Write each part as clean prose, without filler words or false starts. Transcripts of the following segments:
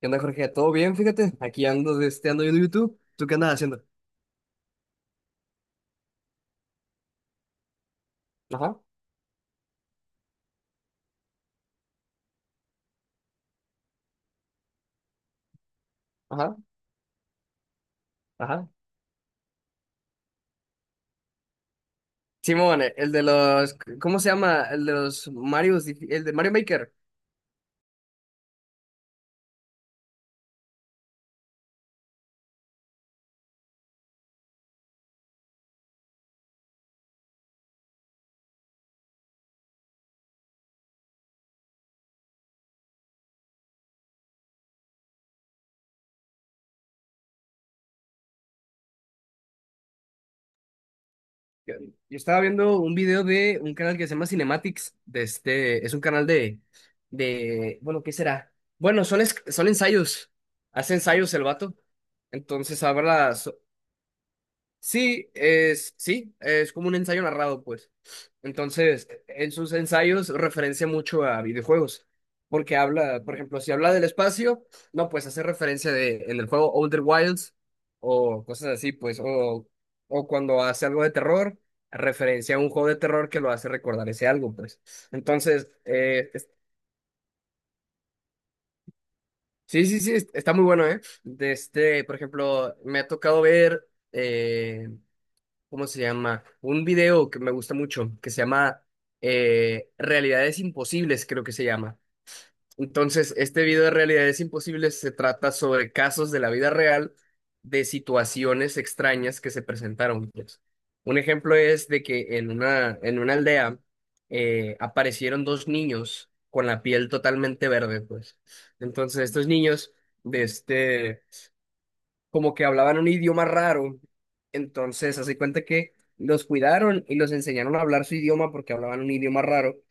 ¿Qué onda, Jorge? ¿Todo bien? Fíjate, aquí ando, ando viendo YouTube. ¿Tú qué andas haciendo? Ajá, ajá, ajá. Simón, el de los, ¿cómo se llama? El de los Marios, el de Mario Maker. Yo, yo estaba viendo un video de un canal que se llama Cinematics, es un canal de, bueno, ¿qué será? Bueno, son ensayos, hace ensayos el vato. Entonces habla, sí, sí, es como un ensayo narrado, pues. Entonces, en sus ensayos referencia mucho a videojuegos, porque habla, por ejemplo, si habla del espacio, no, pues hace referencia de, en el juego Older Wilds o cosas así, pues, o cuando hace algo de terror, referencia a un juego de terror que lo hace recordar ese algo, pues. Entonces, sí, sí, sí, está muy bueno, ¿eh? De este, por ejemplo, me ha tocado ver. ¿Cómo se llama? Un video que me gusta mucho, que se llama Realidades Imposibles, creo que se llama. Entonces, este video de Realidades Imposibles se trata sobre casos de la vida real de situaciones extrañas que se presentaron, pues. Un ejemplo es de que en una aldea aparecieron dos niños con la piel totalmente verde, pues. Entonces, estos niños de este como que hablaban un idioma raro. Entonces, hace cuenta que los cuidaron y los enseñaron a hablar su idioma porque hablaban un idioma raro.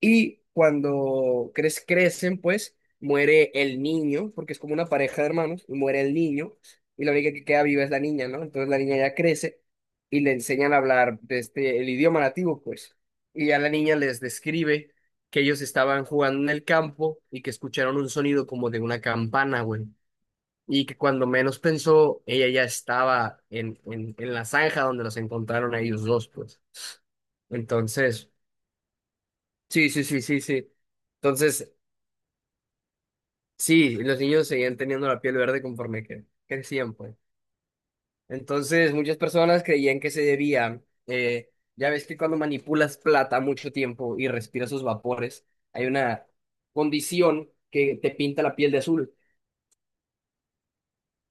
Y cuando crecen, pues muere el niño, porque es como una pareja de hermanos, y muere el niño, y la única que queda viva es la niña, ¿no? Entonces la niña ya crece y le enseñan a hablar el idioma nativo, pues. Y ya la niña les describe que ellos estaban jugando en el campo y que escucharon un sonido como de una campana, güey, y que cuando menos pensó, ella ya estaba en la zanja donde los encontraron a ellos dos, pues. Entonces, sí, sí, sí, sí, sí. Entonces, sí, los niños seguían teniendo la piel verde conforme que crecían, pues. Entonces, muchas personas creían que se debía, eh, ya ves que cuando manipulas plata mucho tiempo y respiras sus vapores, hay una condición que te pinta la piel de azul.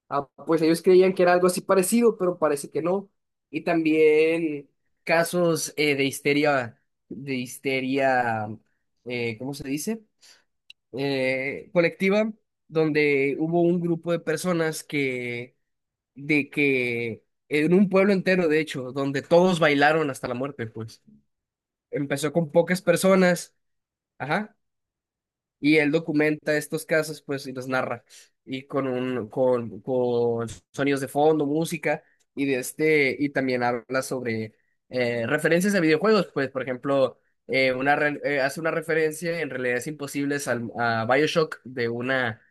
Ah, pues ellos creían que era algo así parecido, pero parece que no. Y también casos de histeria, de histeria, ¿cómo se dice? Colectiva, donde hubo un grupo de personas que, de que, en un pueblo entero, de hecho, donde todos bailaron hasta la muerte, pues. Empezó con pocas personas, ajá. Y él documenta estos casos, pues, y los narra. Y con con sonidos de fondo, música, y y también habla sobre referencias a videojuegos, pues, por ejemplo, hace una referencia en realidades imposibles a BioShock de una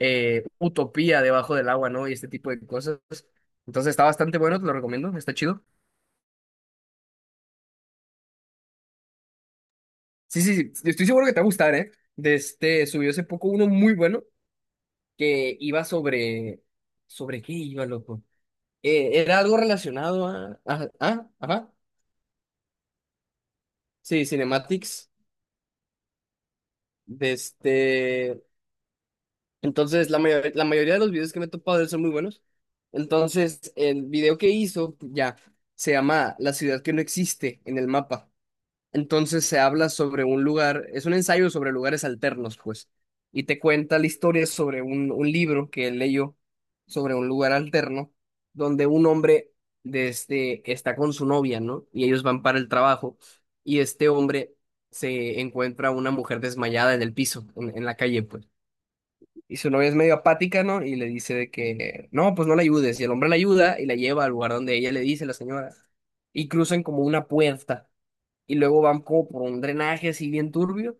utopía debajo del agua, ¿no? Y este tipo de cosas. Entonces está bastante bueno, te lo recomiendo, está chido. Sí, sí, sí, estoy seguro que te va a gustar, ¿eh? De este, subió hace poco uno muy bueno que iba sobre... ¿Sobre qué iba, loco? Era algo relacionado a... ajá. Sí, cinematics. De este... Entonces, la mayoría de los videos que me he topado de él son muy buenos. Entonces, el video que hizo, ya, se llama La ciudad que no existe en el mapa. Entonces se habla sobre un lugar, es un ensayo sobre lugares alternos, pues, y te cuenta la historia sobre un libro que él leyó sobre un lugar alterno, donde un hombre está con su novia, ¿no? Y ellos van para el trabajo, y este hombre se encuentra una mujer desmayada en el piso, en la calle, pues. Y su novia es medio apática, ¿no? Y le dice de que, no, pues no la ayudes. Y el hombre la ayuda y la lleva al lugar donde ella le dice, la señora. Y cruzan como una puerta y luego van como por un drenaje así bien turbio.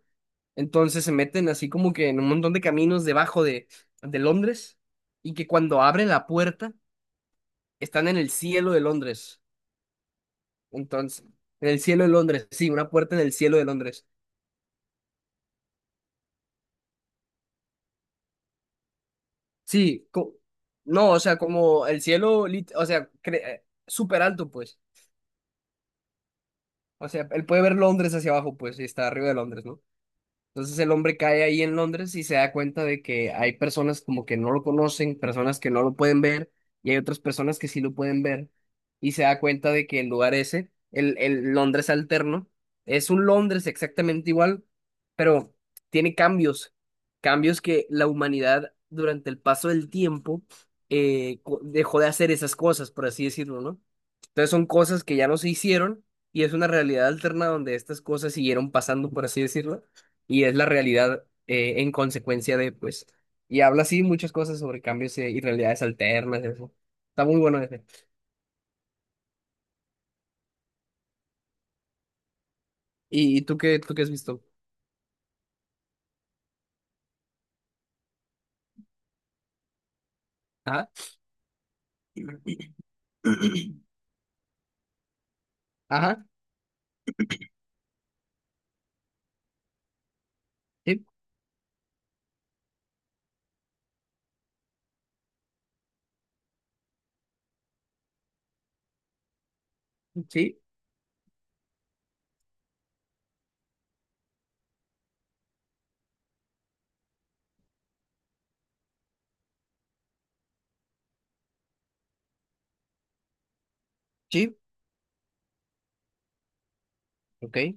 Entonces se meten así como que en un montón de caminos debajo de Londres y que cuando abren la puerta están en el cielo de Londres. Entonces, en el cielo de Londres, sí, una puerta en el cielo de Londres. Sí, co- no, o sea, como el cielo, o sea, súper alto, pues. O sea, él puede ver Londres hacia abajo, pues, y está arriba de Londres, ¿no? Entonces el hombre cae ahí en Londres y se da cuenta de que hay personas como que no lo conocen, personas que no lo pueden ver y hay otras personas que sí lo pueden ver. Y se da cuenta de que el lugar ese, el Londres alterno, es un Londres exactamente igual, pero tiene cambios, cambios que la humanidad durante el paso del tiempo dejó de hacer esas cosas, por así decirlo, ¿no? Entonces son cosas que ya no se hicieron y es una realidad alterna donde estas cosas siguieron pasando, por así decirlo, y es la realidad en consecuencia de, pues, y habla así muchas cosas sobre cambios y realidades alternas, eso. Está muy bueno ese. ¿Y, tú qué has visto? Ajá. Ajá. Sí, sí, sí. Ok.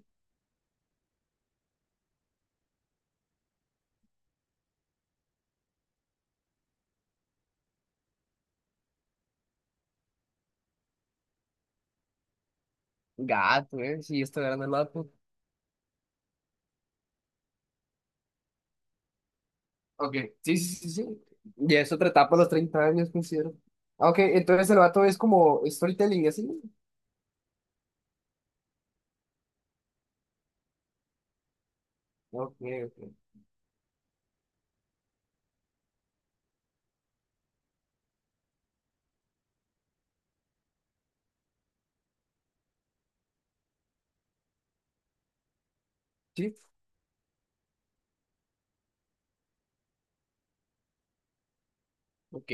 Gato, eh. Sí, está grande el vato. Ok. Sí, sí, sí, sí. Ya es otra etapa a los 30 años, considero. Ah, ok, entonces el vato es como storytelling, así. Ok, ok. Sí, ok.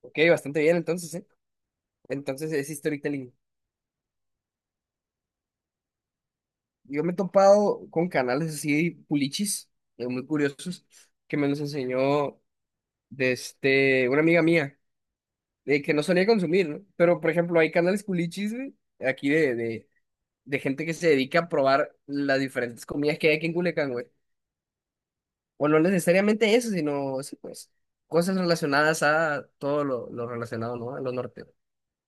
Ok, bastante bien entonces, ¿eh? Entonces es storytelling. Yo me he topado con canales así pulichis, muy curiosos, que me los enseñó una amiga mía, de que no solía consumir, ¿no? Pero, por ejemplo, hay canales pulichis, güey, aquí de gente que se dedica a probar las diferentes comidas que hay aquí en Culiacán, güey. O no necesariamente eso, sino, sí, pues, cosas relacionadas a todo lo relacionado, ¿no? A lo norte.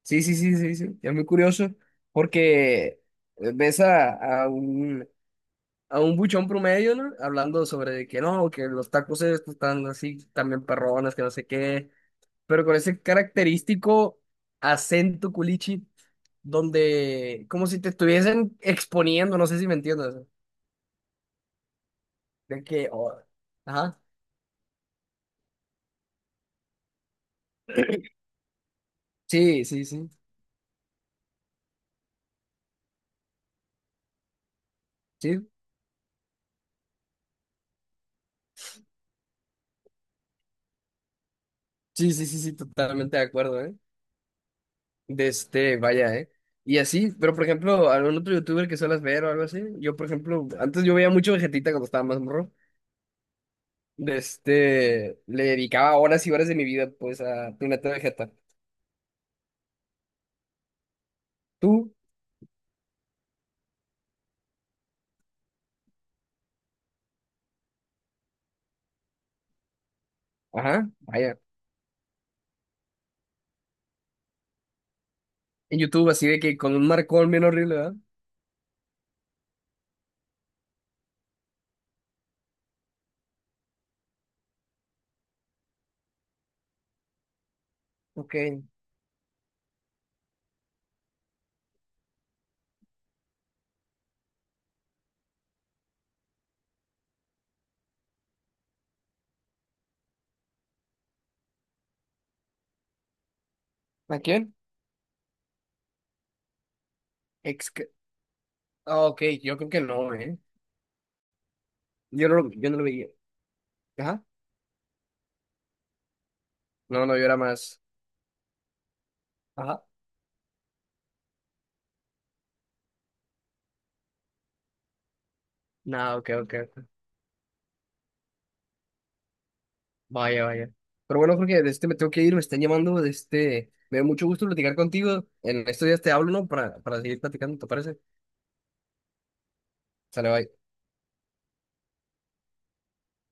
Sí, sí, sí, sí, sí. Es muy curioso porque ves a un buchón promedio, ¿no? Hablando sobre de que no, que los tacos estos están así, también perrones, que no sé qué, pero con ese característico acento culichi, donde como si te estuviesen exponiendo, no sé si me entiendes, de que, oh, ajá, sí, sí, sí, sí, sí, sí, sí, sí, totalmente de acuerdo, ¿eh? De este, vaya, ¿eh? Y así, pero por ejemplo, algún otro youtuber que suelas ver o algo así, yo por ejemplo, antes yo veía mucho Vegetita cuando estaba más morro. De este, le dedicaba horas y horas de mi vida, pues, a Planeta Vegeta. Tú, ajá, vaya. En YouTube, así de que con un marcón bien horrible, ¿verdad? Ok. ¿A quién? Ex, ah, ok, yo creo que no, ¿eh? Yo no, yo no lo veía. Ajá. No, no, yo era más. Ajá. No, ok, ok, ok. Vaya, vaya. Pero bueno, Jorge, de este me tengo que ir, me están llamando, de este. Me dio mucho gusto platicar contigo. En estos días te hablo, ¿no? Para seguir platicando, ¿te parece? Sale, bye.